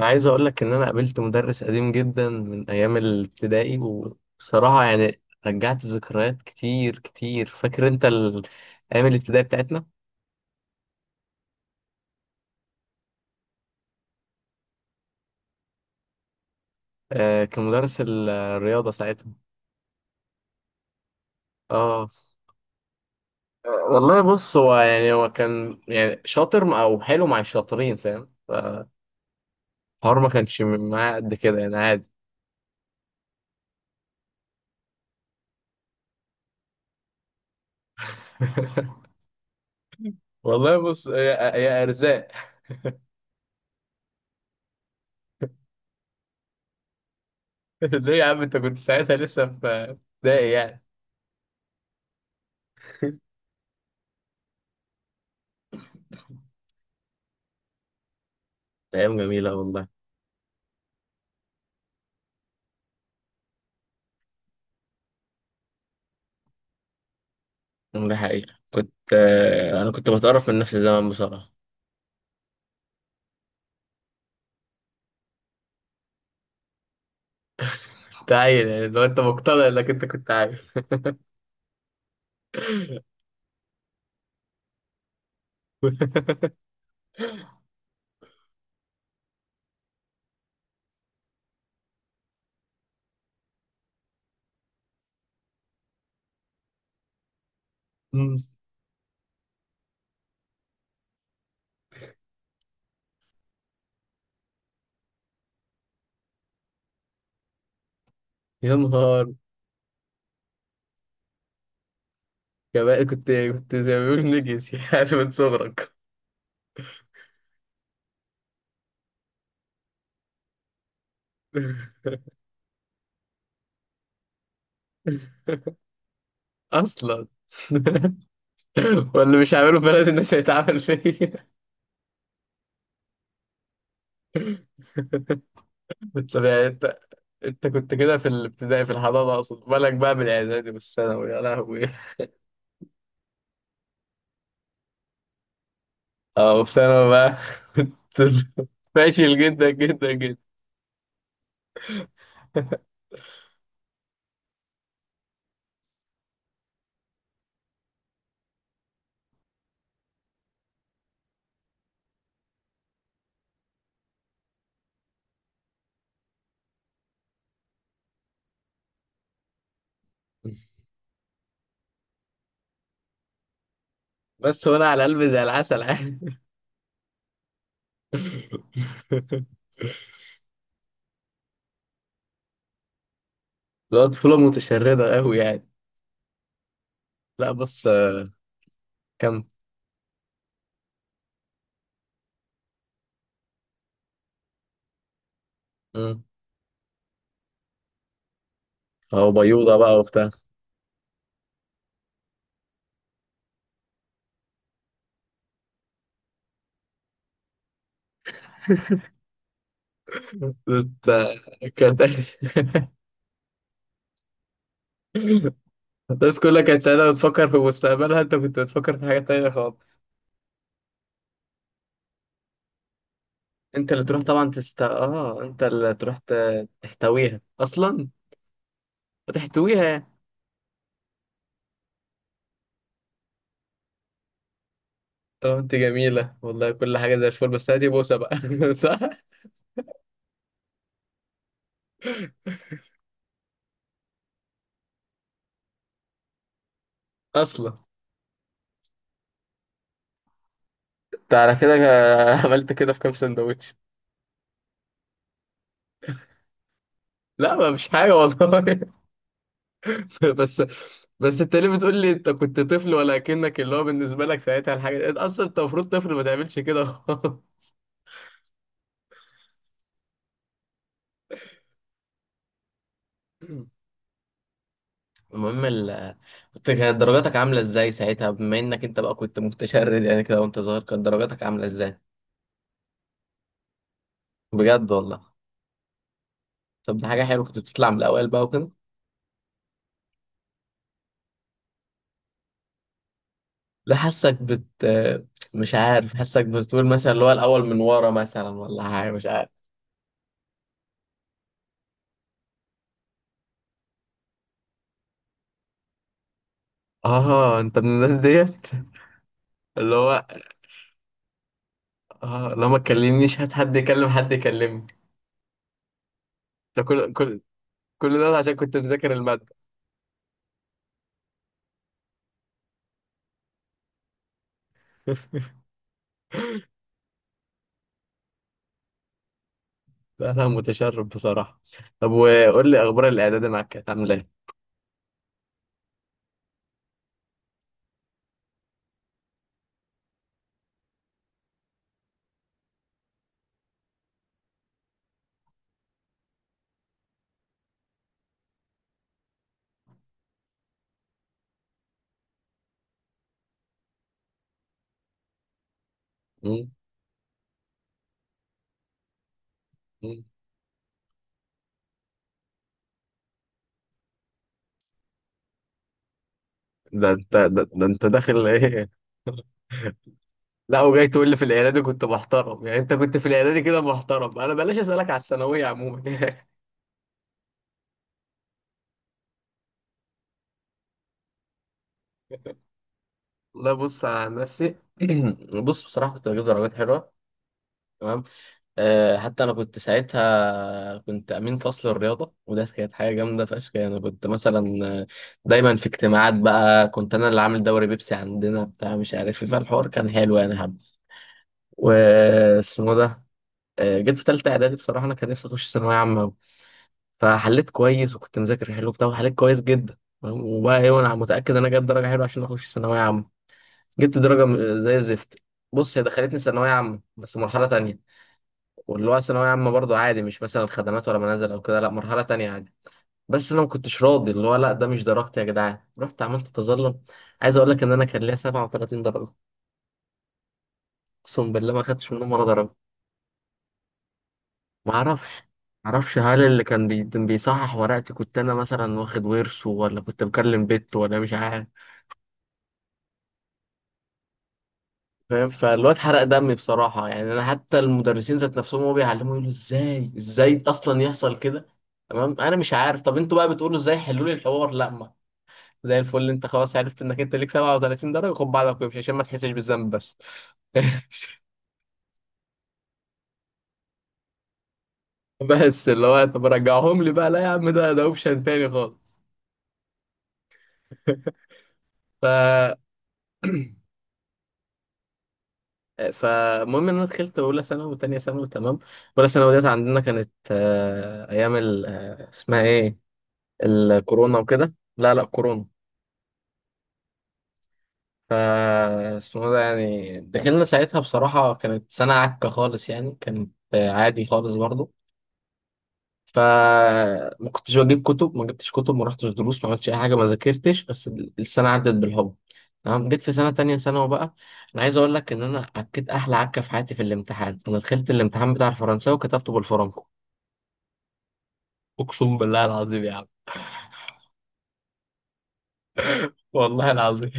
انا عايز اقول لك ان انا قابلت مدرس قديم جدا من ايام الابتدائي، وبصراحه يعني رجعت ذكريات كتير كتير. فاكر انت ايام الابتدائي بتاعتنا؟ آه، كان مدرس الرياضه ساعتها. اه. آه، والله بص، هو كان يعني شاطر او حلو مع الشاطرين، فاهم؟ الحوار ما كانش معاه قد كده، يعني عادي. والله بص يا ارزاق. ليه يا عم، انت كنت ساعتها لسه في ابتدائي يعني؟ ايام جميله والله. ده حقيقة كنت، أنا كنت بتقرف من نفسي زمان بصراحة. كنت عيل، يعني لو أنت مقتنع إنك أنت كنت عيل. مم. يا نهار. يا بقى كنت زي ما بيقولوا نجس، يعني من صغرك. أصلا. واللي مش هعمله في بلد الناس هيتعامل فيا. طب يعني أنت كنت كده في الابتدائي؟ في الحضانة أقصد. بالك بقى من الإعدادي والثانوي يا لهوي. أه، وفي ثانوي بقى؟ كنت فاشل جدا جدا جدا. بس وانا على قلبي زي العسل، عادي. لا، طفولة متشردة قوي يعني. لا بص، كم. مم. اهو بيوضة بقى وبتاع. انت كانت الناس كلها كانت سعيدة بتفكر في مستقبلها، انت كنت بتفكر في حاجة تانية خالص. انت اللي تروح تحتويها اصلا. وتحتويها يعني. طب انت جميلة والله، كل حاجة زي الفل، بس هاتي بوسة بقى صح؟ اصلا. انت على كده، عملت كده في كام سندوتش؟ لا ما مش حاجة والله. بس، بس انت ليه بتقول لي انت كنت طفل؟ ولا كأنك اللي هو بالنسبة لك ساعتها الحاجة دي اصلا، انت المفروض طفل ما تعملش كده خالص. المهم كانت درجاتك عاملة ازاي ساعتها؟ بما انك انت بقى كنت متشرد يعني كده وانت صغير، كانت درجاتك عاملة ازاي؟ بجد والله؟ طب دي حاجة حلوة، كنت بتطلع من الأوائل بقى وكده؟ لا، حاسك مش عارف، حاسك بتقول مثلا اللي هو الأول من ورا مثلا ولا حاجة، مش عارف. اه، انت من الناس ديت. اللي هو، اه لو ما تكلمنيش هات حد يكلم حد يكلمني. ده كل كل كل ده عشان كنت مذاكر المادة. لا، لا، متشرب بصراحة. طب وقول لي أخبار الإعداد معاك كانت عاملة إيه؟ مم، مم. ده أنت داخل إيه؟ لا، وجاي تقول لي في الإعدادي كنت محترم؟ يعني أنت كنت في الإعدادي كده محترم، أنا بلاش أسألك على الثانوية عموما لا بص على نفسي بص بصراحة كنت بجيب درجات حلوة. تمام. حتى انا كنت امين فصل الرياضه، وده كانت حاجه جامده فشخ، يعني كنت مثلا، دايما في اجتماعات بقى، كنت انا اللي عامل دوري بيبسي عندنا بتاع مش عارف ايه، فالحوار كان حلو يعني حب. واسمه ده. جيت في ثالثه اعدادي، بصراحه انا كان نفسي اخش ثانويه عامه أوي. فحليت كويس، وكنت مذاكر حلو بتاع، وحليت كويس جدا، فاهم؟ وبقى ايه، وانا متاكد ان انا جايب درجه حلوه عشان اخش ثانويه عامه. جبت درجه زي الزفت. بص، هي دخلتني ثانويه عامه بس مرحله تانية. واللي هو ثانوية عامة برضه عادي، مش مثلا خدمات ولا منازل أو كده، لأ مرحلة تانية عادي. بس أنا ما كنتش راضي، اللي هو لأ ده مش درجتي يا جدعان، رحت عملت تظلم. عايز أقول لك إن أنا كان ليا 37 درجة. أقسم بالله ما خدتش منهم ولا درجة. ما أعرفش. ما أعرفش، هل اللي كان بيصحح ورقتي كنت أنا مثلا واخد ورثه، ولا كنت بكلم بت، ولا مش عارف. فاهم، فالواد حرق دمي بصراحة، يعني أنا حتى المدرسين ذات نفسهم هو بيعلموا يقولوا إزاي، إزاي أصلا يحصل كده. تمام، أنا مش عارف، طب أنتوا بقى بتقولوا إزاي؟ حلوا لي الحوار. لأ، زي الفل، انت خلاص عرفت انك انت ليك 37 درجه، خد بعضك وامشي عشان ما تحسش بالذنب بس. بس اللي هو طب رجعهم لي بقى، لا يا عم، ده اوبشن تاني خالص. ف فالمهم ان انا دخلت اولى ثانوي وثانيه ثانوي، تمام. اولى ثانوي ديت عندنا كانت، ايام اسمها ايه، الكورونا وكده. لا، لا، كورونا. ف اسمه ده، يعني دخلنا ساعتها بصراحه كانت سنه عكه خالص، يعني كانت عادي خالص برضه. فما كنتش بجيب كتب، ما جبتش كتب، ما رحتش دروس، ما عملتش اي حاجه، ما ذاكرتش بس. السنه عدت بالحب. تمام، جيت في سنه تانية ثانوي بقى. انا عايز اقول لك ان انا عكيت احلى عكه في حياتي في الامتحان، انا دخلت الامتحان بتاع الفرنساوي وكتبته بالفرنكو. اقسم بالله العظيم يا عم. والله العظيم.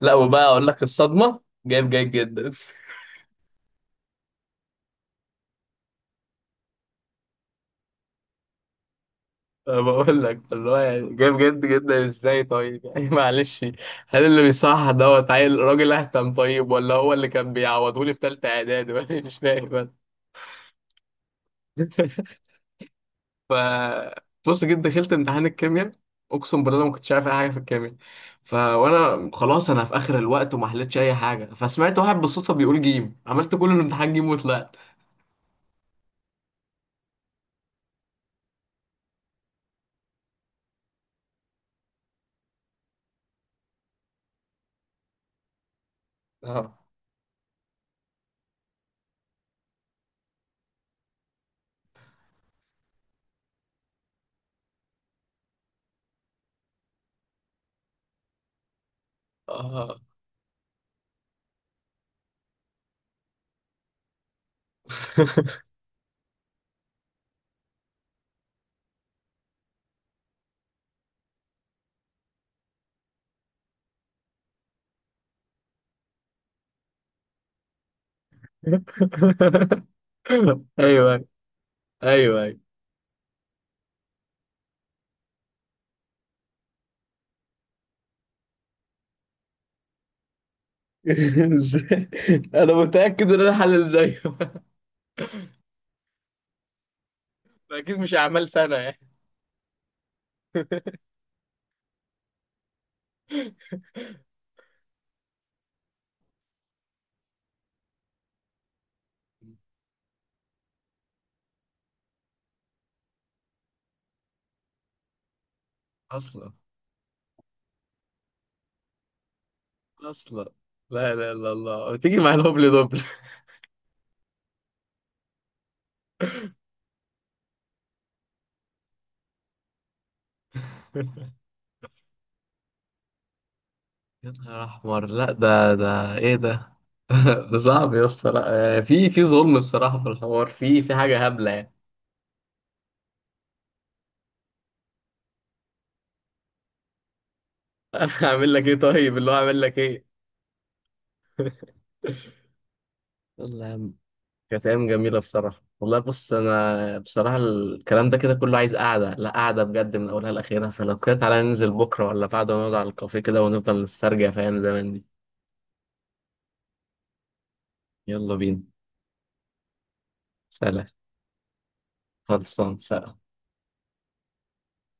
لا وبقى اقول لك الصدمه، جايب جيد جدا أنا بقول لك اللي هو يعني جايب جد جدا ازاي طيب يعني معلش. هل اللي بيصحح دوت عيل راجل اهتم طيب، ولا هو اللي كان بيعوضهولي في تالتة اعدادي ولا مش فاهم. ف بص، جيت دخلت امتحان الكيمياء. اقسم بالله ما كنتش عارف اي حاجه في الكيمياء. وانا خلاص، انا في اخر الوقت وما حلتش اي حاجه، فسمعت واحد بالصدفه بيقول جيم، عملت كل الامتحان جيم وطلعت. اه. آه. ايوه، ايوه، ايوه. ازاي؟ انا متاكد ان انا حلل زيه. اكيد مش اعمال سنه يعني. اصلا، اصلا. لا، لا، لا، الله تيجي مع الهبل دبل. يا نهار احمر، لا ده ايه ده؟ ده صعب يا اسطى. لا، في ظلم بصراحه، في الحوار في حاجه هبله يعني. هعمل لك ايه طيب؟ اللي هو هعمل لك ايه؟ يلا يا عم. كانت ايام جميله بصراحه والله. بص، انا بصراحه الكلام ده كده كله عايز قعده، لا قعده بجد من اولها لاخرها، فلو كده تعالى ننزل بكره ولا بعد ونقعد على الكافيه كده ونفضل نسترجع في ايام زمان دي. يلا بينا. سلام. خلصان، سلام.